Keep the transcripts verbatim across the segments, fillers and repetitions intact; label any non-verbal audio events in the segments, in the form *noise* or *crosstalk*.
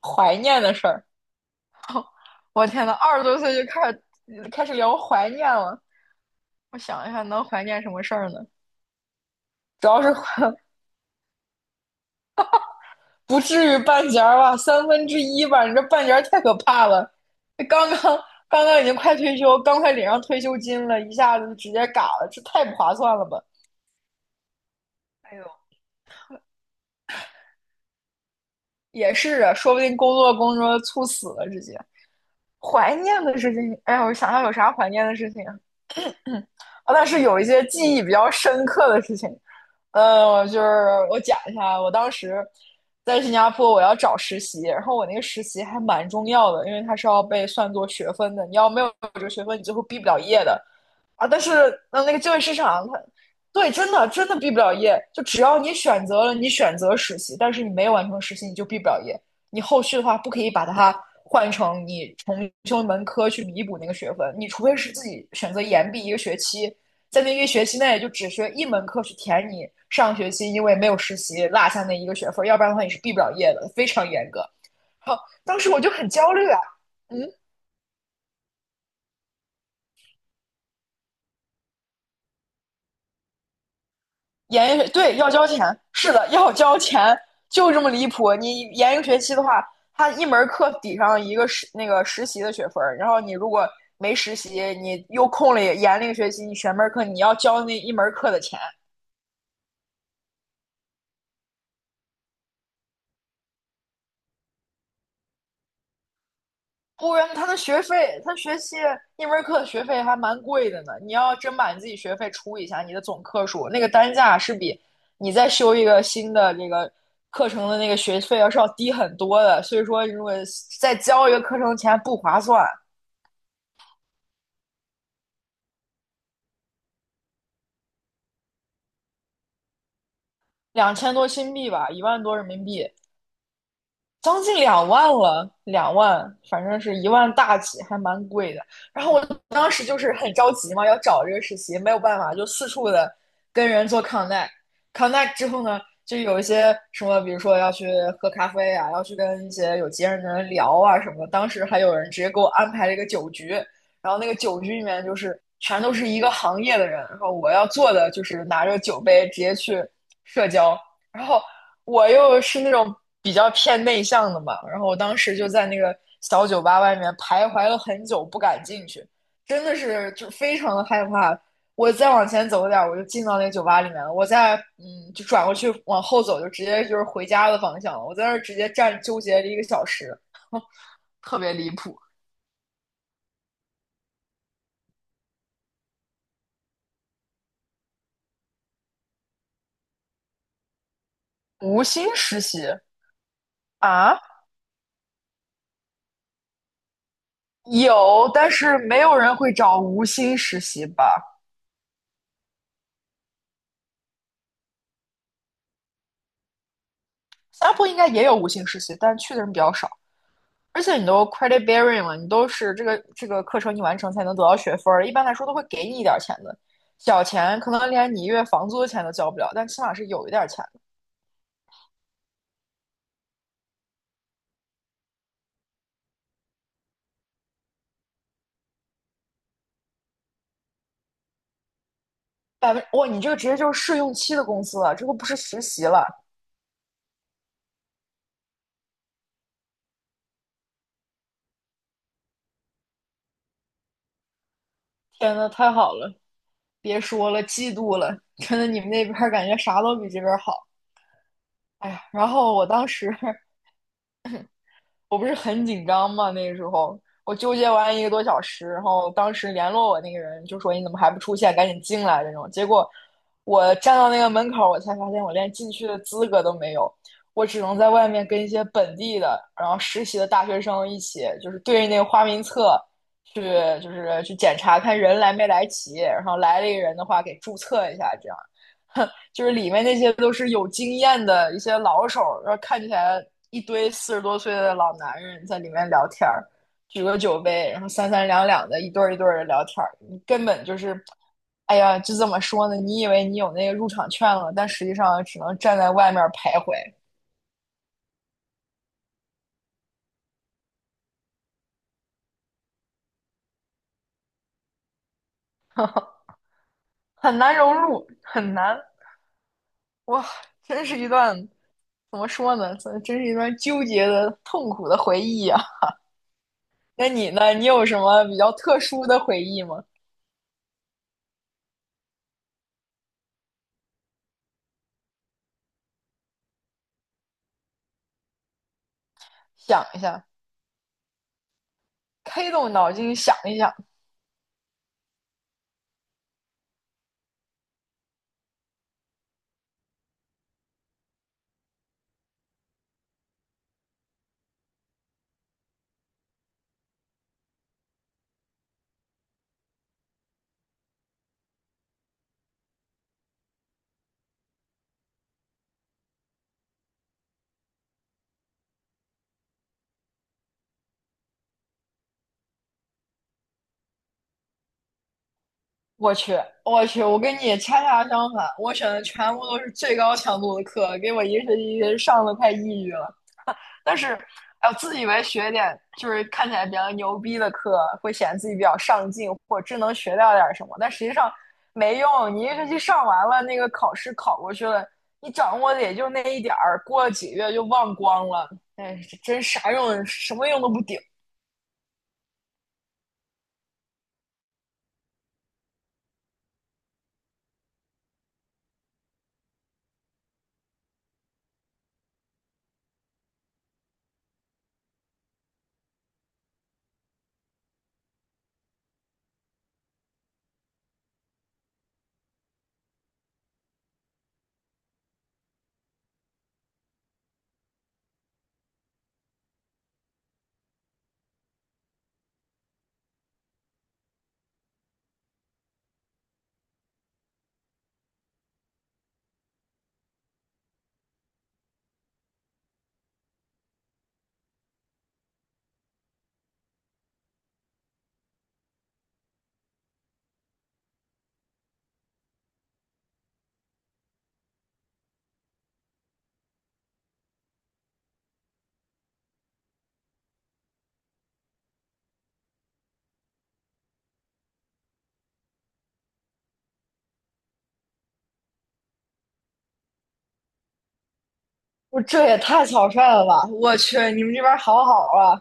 怀念的事儿。我天呐，二十多岁就开始开始聊怀念了。我想一下，能怀念什么事儿呢？主要是不至于半截儿吧，三分之一吧。你这半截儿太可怕了。刚刚刚刚已经快退休，刚快领上退休金了，一下子直接嘎了，这太不划算了吧？哎呦，也是啊，说不定工作工作猝死了，直接。怀念的事情，哎呀，我想想有啥怀念的事情啊？啊，但是有一些记忆比较深刻的事情，呃，我就是我讲一下，我当时在新加坡，我要找实习，然后我那个实习还蛮重要的，因为它是要被算作学分的，你要没有这个学分，你最后毕不了业的。啊，但是呃，那个就业市场，它对，真的真的毕不了业。就只要你选择了，你选择实习，但是你没有完成实习，你就毕不了业。你后续的话，不可以把它换成你重修一门科去弥补那个学分。你除非是自己选择延毕一个学期，在那一个学期内就只学一门课去填你上学期因为没有实习落下那一个学分，要不然的话你是毕不了业的，非常严格。好，当时我就很焦虑啊，嗯。研一学对要交钱，是的，要交钱，就这么离谱。你研一个学期的话，他一门课抵上一个实那个实习的学分，然后你如果没实习，你又空了研了一个学期，你选门课你要交那一门课的钱，不然他的学费，他学期一门课的学费还蛮贵的呢。你要真把你自己学费除一下，你的总课数那个单价是比你再修一个新的这个课程的那个学费要是要低很多的。所以说，如果再交一个课程钱不划算，两千多新币吧，一万多人民币。将近两万了，两万，反正是一万大几，还蛮贵的。然后我当时就是很着急嘛，要找这个实习，没有办法，就四处的跟人做 connect。connect 之后呢，就有一些什么，比如说要去喝咖啡啊，要去跟一些有经验的人聊啊什么的。当时还有人直接给我安排了一个酒局，然后那个酒局里面就是全都是一个行业的人，然后我要做的就是拿着酒杯直接去社交。然后我又是那种比较偏内向的嘛，然后我当时就在那个小酒吧外面徘徊了很久，不敢进去，真的是就非常的害怕。我再往前走一点我就进到那个酒吧里面了。我再嗯，就转过去往后走，就直接就是回家的方向了。我在那儿直接站纠结了一个小时，*laughs* 特别离谱。无薪实习啊，有，但是没有人会找无薪实习吧？新加坡应该也有无薪实习，但去的人比较少。而且你都 credit bearing 了，你都是这个这个课程你完成才能得到学分儿，一般来说都会给你一点钱的，小钱可能连你一月房租的钱都交不了，但起码是有一点钱的。百分，哇，你这个直接就是试用期的工资了，这个不是实习了。天呐，太好了，别说了，嫉妒了，真的你们那边感觉啥都比这边好。哎呀，然后我当时我不是很紧张嘛，那个时候我纠结完一个多小时，然后当时联络我那个人就说你怎么还不出现，赶紧进来这种。结果我站到那个门口，我才发现我连进去的资格都没有，我只能在外面跟一些本地的，然后实习的大学生一起，就是对着那个花名册去，就是去检查看人来没来齐，然后来了一个人的话给注册一下，这样。*laughs* 就是里面那些都是有经验的一些老手，然后看起来一堆四十多岁的老男人在里面聊天儿，举个酒杯，然后三三两两的一对一对的聊天儿，你根本就是，哎呀，就这怎么说呢？你以为你有那个入场券了，但实际上只能站在外面徘徊，很难融入，很难，哇，真是一段怎么说呢？真真是一段纠结的、痛苦的回忆呀。那你呢？你有什么比较特殊的回忆吗？想一下。开动脑筋想一想。我去，我去，我跟你恰恰相反，我选的全部都是最高强度的课，给我一个学期上的快抑郁了。但是，哎，我自以为学点就是看起来比较牛逼的课，会显得自己比较上进，或者真能学到点什么，但实际上没用。你一学期上完了，那个考试考过去了，你掌握的也就那一点儿，过了几个月就忘光了。哎，真啥用，什么用都不顶。我这也太草率了吧！我去，你们这边儿好好啊！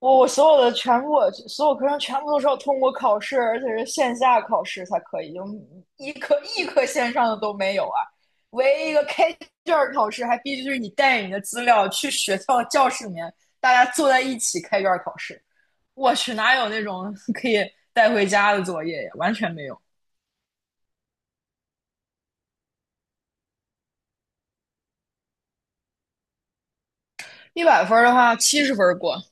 我我所有的全部，所有课程全部都是要通过考试，而且是线下考试才可以，就一科一科线上的都没有啊！唯一一个开卷儿考试，还必须是你带着你的资料去学校教室里面，大家坐在一起开卷儿考试。我去，哪有那种 *laughs* 带回家的作业呀？完全没有。一百分儿的话，七十分儿过，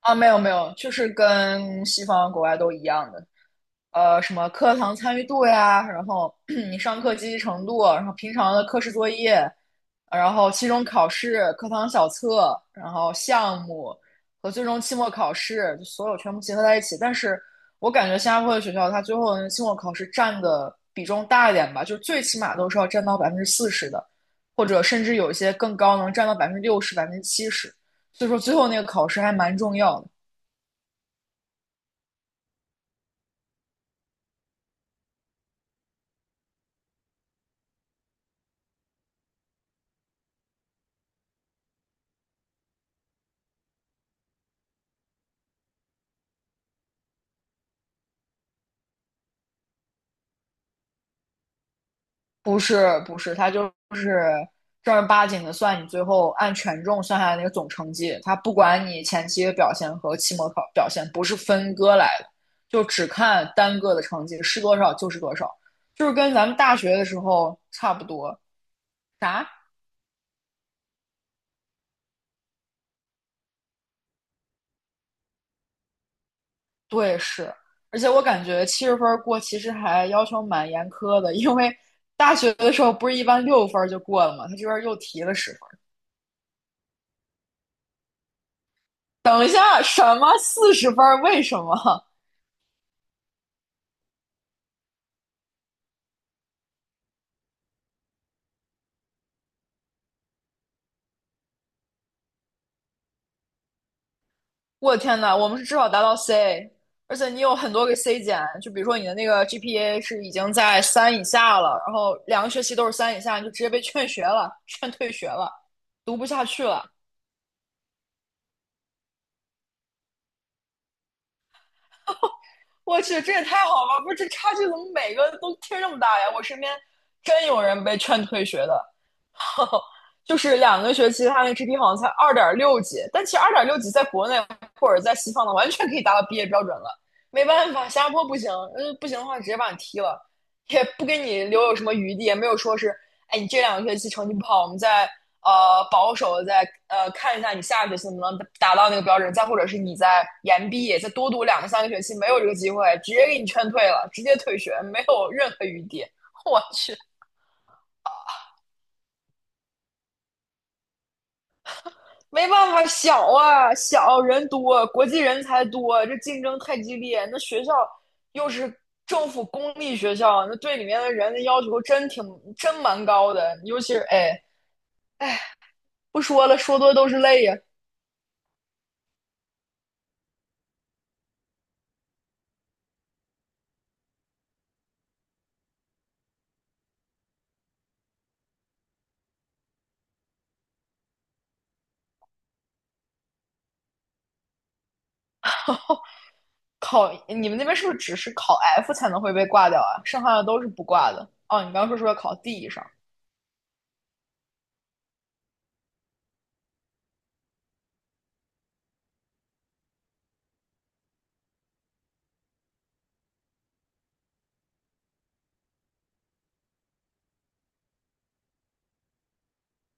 啊，没有没有，就是跟西方国外都一样的，呃，什么课堂参与度呀，然后 *clears throat* 你上课积极程度，然后平常的课时作业，然后期中考试、课堂小测，然后项目和最终期末考试，就所有全部结合在一起。但是我感觉新加坡的学校，它最后的期末考试占的比重大一点吧，就是最起码都是要占到百分之四十的，或者甚至有一些更高，能占到百分之六十、百分之七十。所以说最后那个考试还蛮重要的。不是不是，他就是正儿八经的算你最后按权重算下来那个总成绩，他不管你前期的表现和期末考表现，不是分割来的，就只看单个的成绩是多少就是多少，就是跟咱们大学的时候差不多。啥？对，是。而且我感觉七十分过其实还要求蛮严苛的，因为大学的时候不是一般六分就过了吗？他这边又提了十分。等一下，什么四十分？为什么？我的天呐，我们是至少达到 C，而且你有很多个 C 减，就比如说你的那个 G P A 是已经在三以下了，然后两个学期都是三以下，你就直接被劝学了，*laughs* 劝退学了，读不下去了。我去，这也太好了！不是这差距怎么每个都贴这么大呀？我身边真有人被劝退学的，后就是两个学期他那 G P 好像才二点六级，但其实二点六级在国内或者在西方的完全可以达到毕业标准了。没办法，新加坡不行，呃，不行的话直接把你踢了，也不给你留有什么余地，也没有说是，哎，你这两个学期成绩不好，我们再呃保守的再呃看一下你下个学期能不能达到那个标准，再或者是你在延毕，再多读两个三个学期，没有这个机会，直接给你劝退了，直接退学，没有任何余地。*laughs* 我去，没办法，小啊，小人多，国际人才多，这竞争太激烈。那学校又是政府公立学校，那对里面的人的要求真挺真蛮高的。尤其是哎，不说了，说多都是泪呀。考你们那边是不是只是考 F 才能会被挂掉啊？剩下的都是不挂的。哦，你刚刚说说要考 D 以上，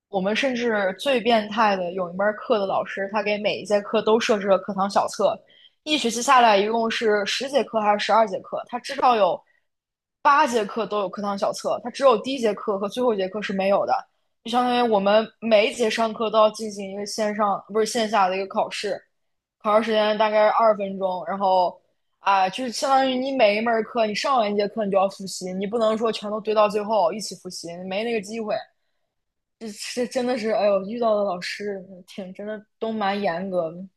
我们甚至最变态的，有一门课的老师，他给每一节课都设置了课堂小测，一学期下来一共是十节课还是十二节课，他只。八节课都有课堂小测，它只有第一节课和最后一节课是没有的。就相当于我们每一节上课都要进行一个线上，不是线下的一个考试，考试时间大概是二十分钟，然后啊、呃就是相当于你每一门课你上完一节课你就要复习，你不能说全都堆到最后一起复习，没那个机会。这这真的是，哎呦，遇到的老师挺真的都蛮严格的。